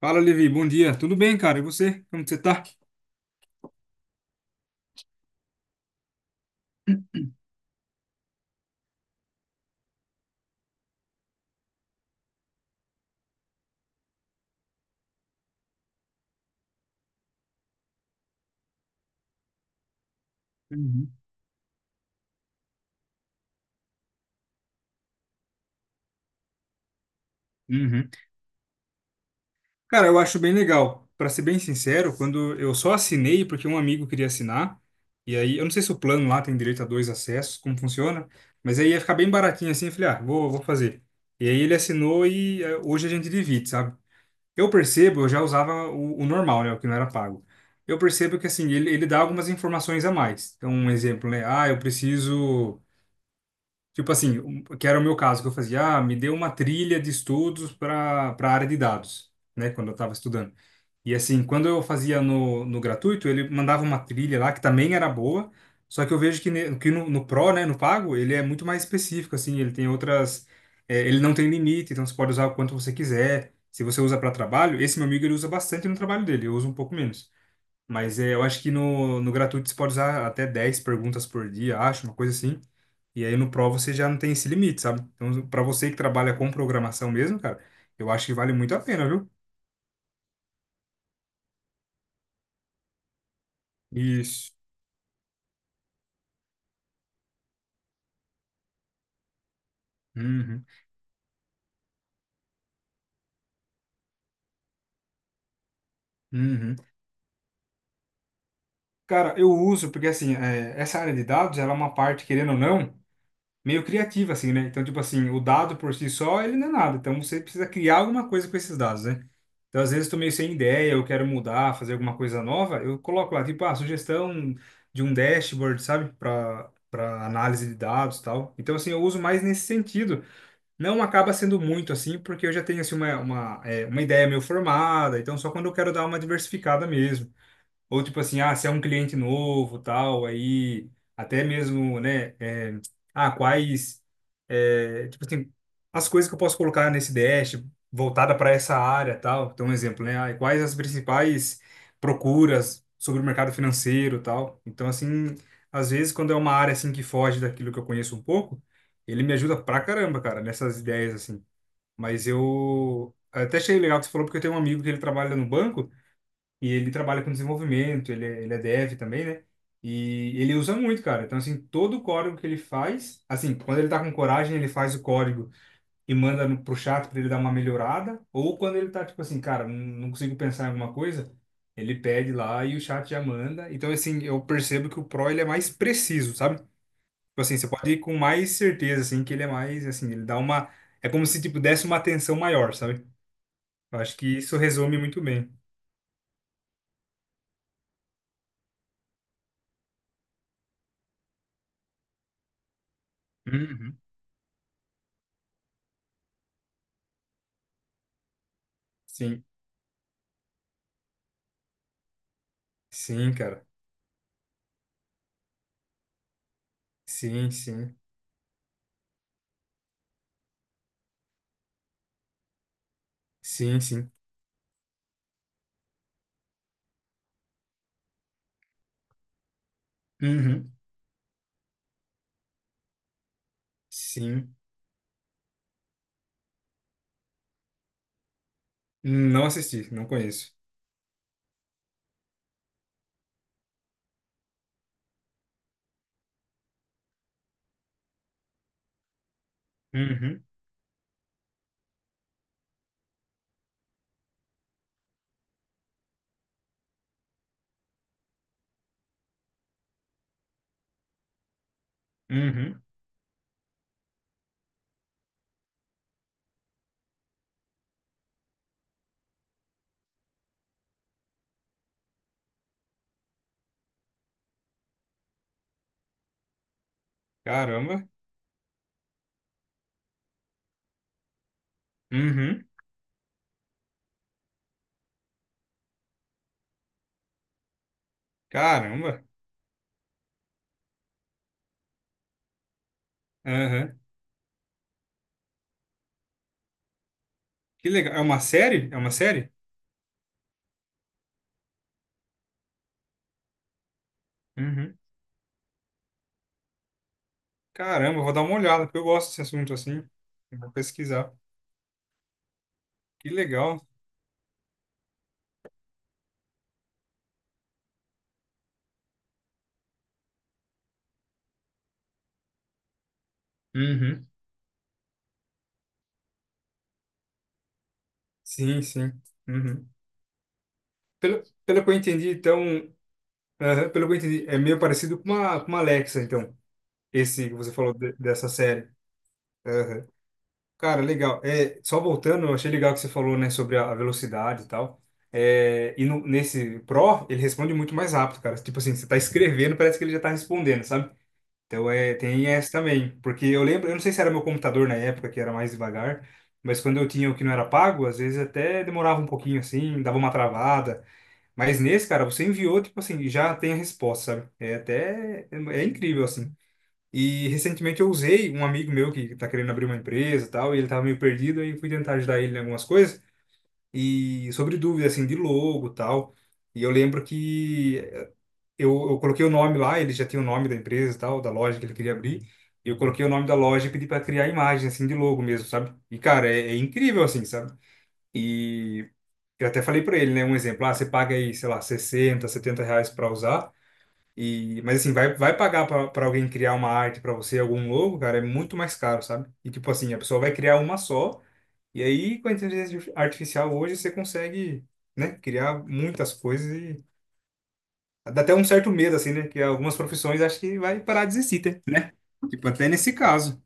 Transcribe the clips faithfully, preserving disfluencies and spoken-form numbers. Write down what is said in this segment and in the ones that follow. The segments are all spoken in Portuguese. Fala, Levi. Bom dia. Tudo bem, cara? E você? Como que você tá? Uhum. Cara, eu acho bem legal. Pra ser bem sincero, quando eu só assinei porque um amigo queria assinar, e aí eu não sei se o plano lá tem direito a dois acessos, como funciona, mas aí ia ficar bem baratinho assim, eu falei, ah, vou, vou fazer. E aí ele assinou e eh, hoje a gente divide, sabe? Eu percebo, eu já usava o, o normal, né, o que não era pago. Eu percebo que assim, ele, ele dá algumas informações a mais. Então, um exemplo, né? Ah, eu preciso Tipo assim, um- que era o meu caso, que eu fazia, ah, me deu uma trilha de estudos para para a área de dados, né, quando eu estava estudando. E assim, quando eu fazia no, no gratuito, ele mandava uma trilha lá que também era boa, só que eu vejo que, ne- que no, no Pro, né, no pago, ele é muito mais específico, assim, ele tem outras. é, ele não tem limite, então você pode usar o quanto você quiser. Se você usa para trabalho, esse meu amigo ele usa bastante no trabalho dele, eu uso um pouco menos. Mas é, eu acho que no, no gratuito você pode usar até dez perguntas por dia, acho, uma coisa assim. E aí no Pro você já não tem esse limite, sabe? Então, para você que trabalha com programação mesmo, cara, eu acho que vale muito a pena, viu? Isso. Uhum, uhum. Cara, eu uso porque assim, é, essa área de dados, ela é uma parte, querendo ou não. Meio criativa, assim, né? Então, tipo assim, o dado por si só, ele não é nada. Então, você precisa criar alguma coisa com esses dados, né? Então, às vezes, estou meio sem ideia, eu quero mudar, fazer alguma coisa nova, eu coloco lá, tipo, ah, sugestão de um dashboard, sabe? Para para análise de dados e tal. Então, assim, eu uso mais nesse sentido. Não acaba sendo muito assim, porque eu já tenho, assim, uma, uma, é, uma ideia meio formada. Então, só quando eu quero dar uma diversificada mesmo. Ou tipo assim, ah, se é um cliente novo, tal, aí até mesmo, né, é, ah, quais, é, tipo assim, as coisas que eu posso colocar nesse dash voltada para essa área, tal. Então, um exemplo, né, ah, quais as principais procuras sobre o mercado financeiro, tal. Então, assim, às vezes quando é uma área assim que foge daquilo que eu conheço um pouco, ele me ajuda pra caramba, cara, nessas ideias assim. Mas eu eu até achei legal o que você falou porque eu tenho um amigo que ele trabalha no banco e ele trabalha com desenvolvimento, ele, é- ele é dev também, né? E ele usa muito, cara. Então, assim, todo o código que ele faz, assim, quando ele tá com coragem, ele faz o código e manda no, pro chat pra ele dar uma melhorada. Ou quando ele tá, tipo assim, cara, não, não consigo pensar em alguma coisa, ele pede lá e o chat já manda. Então, assim, eu percebo que o Pro, ele é mais preciso, sabe? Tipo assim, você pode ir com mais certeza, assim, que ele é mais, assim, ele dá uma. É como se, tipo, desse uma atenção maior, sabe? Eu acho que isso resume muito bem. Uhum. Sim, sim, cara. Sim, sim. Sim, sim. Uhum. Sim. Não assisti, não conheço. Uhum. Uhum. Caramba. Uhum. Caramba. Aham. Que legal. É uma série? É uma série? Uhum. Caramba, eu vou dar uma olhada, porque eu gosto desse assunto assim. Eu vou pesquisar. Que legal. Uhum. Sim, sim. Uhum. Pelo, pelo que eu entendi, então. Aham, pelo que eu entendi, é meio parecido com uma, com uma Alexa, então. Esse que você falou de- dessa série. Aham. Cara, legal. É, só voltando, eu achei legal que você falou, né, sobre a a velocidade e tal. É, e no- nesse Pro, ele responde muito mais rápido, cara. Tipo assim, você tá escrevendo, parece que ele já tá respondendo, sabe? Então é, tem essa também. Porque eu lembro, eu não sei se era meu computador na época, que era mais devagar, mas quando eu tinha o que não era pago, às vezes até demorava um pouquinho assim, dava uma travada. Mas nesse, cara, você enviou, tipo assim, já tem a resposta, sabe? É até, é é incrível, assim. E recentemente eu usei um amigo meu que tá querendo abrir uma empresa e tal, e ele tava meio perdido, aí fui tentar ajudar ele em algumas coisas, e sobre dúvidas, assim, de logo e tal. E eu lembro que eu, eu coloquei o nome lá, ele já tinha o nome da empresa e tal, da loja que ele queria abrir, e eu coloquei o nome da loja e pedi para criar a imagem, assim, de logo mesmo, sabe? E, cara, é, é incrível, assim, sabe? E eu até falei para ele, né, um exemplo, ah, você paga aí, sei lá, sessenta setenta reais para usar, e, mas assim, vai, vai pagar pra pra alguém criar uma arte pra você, algum logo, cara, é muito mais caro, sabe? E tipo assim, a pessoa vai criar uma só, e aí com a inteligência artificial hoje você consegue, né, criar muitas coisas e dá até um certo medo, assim, né? Que algumas profissões acho que vai parar de existir, te- né? Tipo, até nesse caso.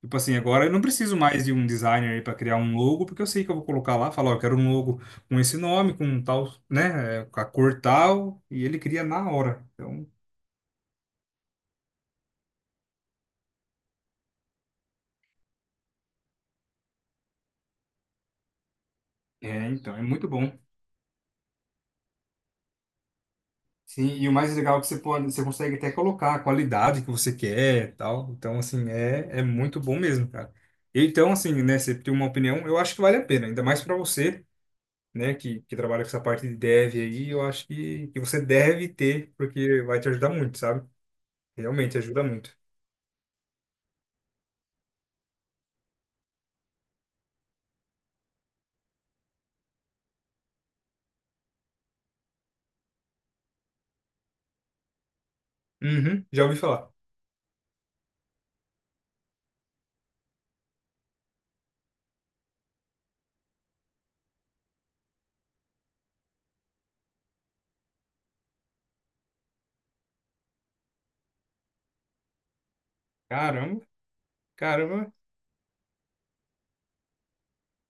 Tipo assim, agora eu não preciso mais de um designer aí pra criar um logo, porque eu sei que eu vou colocar lá, falar, ó, eu quero um logo com esse nome, com tal, né, é, com a cor tal, e ele cria na hora. Então, é, então, é muito bom. Sim, e o mais legal é que você pode, você consegue até colocar a qualidade que você quer, e tal. Então, assim, é, é muito bom mesmo, cara. E então, assim, né, você tem uma opinião, eu acho que vale a pena, ainda mais para você, né, que, que trabalha com essa parte de dev aí, eu acho que, que você deve ter, porque vai te ajudar muito, sabe? Realmente ajuda muito. Uhum, já ouvi falar. Caramba, caramba.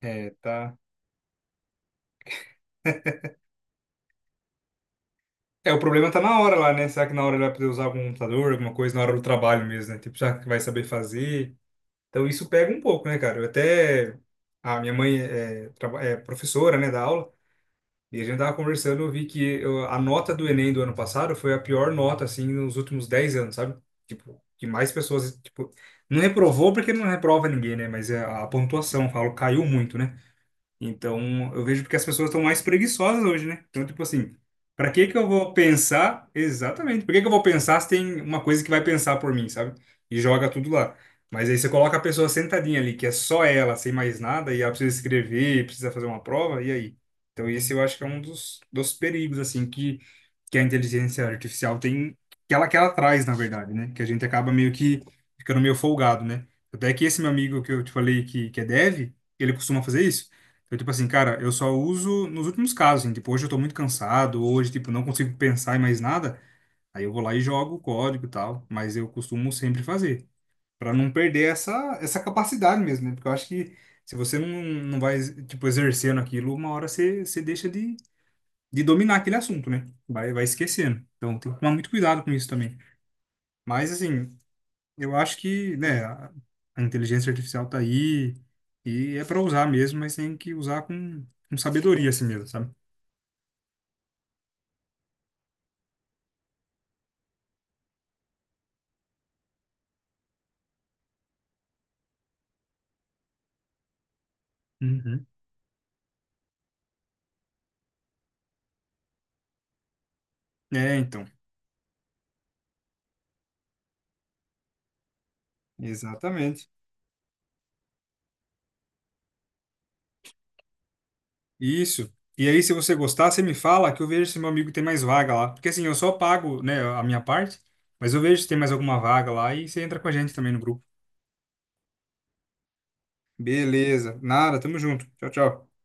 É, tá. É, o problema tá na hora lá, né? Será que na hora ele vai poder usar algum computador, alguma coisa, na hora do trabalho mesmo, né? Tipo, será que vai saber fazer? Então isso pega um pouco, né, cara? Eu até. A minha mãe é, traba- é professora, né, da aula, e a gente tava conversando, eu vi que eu- a nota do Enem do ano passado foi a pior nota, assim, nos últimos dez anos, sabe? Tipo, que mais pessoas, tipo, não reprovou porque não reprova ninguém, né? Mas é, a pontuação, eu falo, caiu muito, né? Então, eu vejo porque as pessoas estão mais preguiçosas hoje, né? Então, tipo assim, para que que eu vou pensar? Exatamente. Por que que eu vou pensar se tem uma coisa que vai pensar por mim, sabe? E joga tudo lá. Mas aí você coloca a pessoa sentadinha ali, que é só ela, sem mais nada, e ela precisa escrever, precisa fazer uma prova, e aí? Então, esse eu acho que é um dos, dos perigos, assim, que, que a inteligência artificial tem, que ela, que ela traz, na verdade, né? Que a gente acaba meio que ficando meio folgado, né? Até que esse meu amigo que eu te falei que, que é dev, ele costuma fazer isso. Eu, tipo assim, cara, eu só uso nos últimos casos, assim, tipo, hoje eu tô muito cansado, hoje, tipo, não consigo pensar em mais nada, aí eu vou lá e jogo o código e tal, mas eu costumo sempre fazer, pra não perder essa, essa capacidade mesmo, né? Porque eu acho que se você não, não vai, tipo, exercendo aquilo, uma hora você, você deixa de, de dominar aquele assunto, né? Vai, vai esquecendo. Então tem que tomar muito cuidado com isso também. Mas, assim, eu acho que, né, a, a inteligência artificial tá aí e é pra usar mesmo, mas tem que usar com, com sabedoria, assim mesmo, sabe? Uhum. É, então, exatamente. Isso. E aí, se você gostar, você me fala que eu vejo se meu amigo tem mais vaga lá. Porque assim, eu só pago, né, a minha parte, mas eu vejo se tem mais alguma vaga lá e você entra com a gente também no grupo. Beleza. Nada, tamo junto. Tchau, tchau.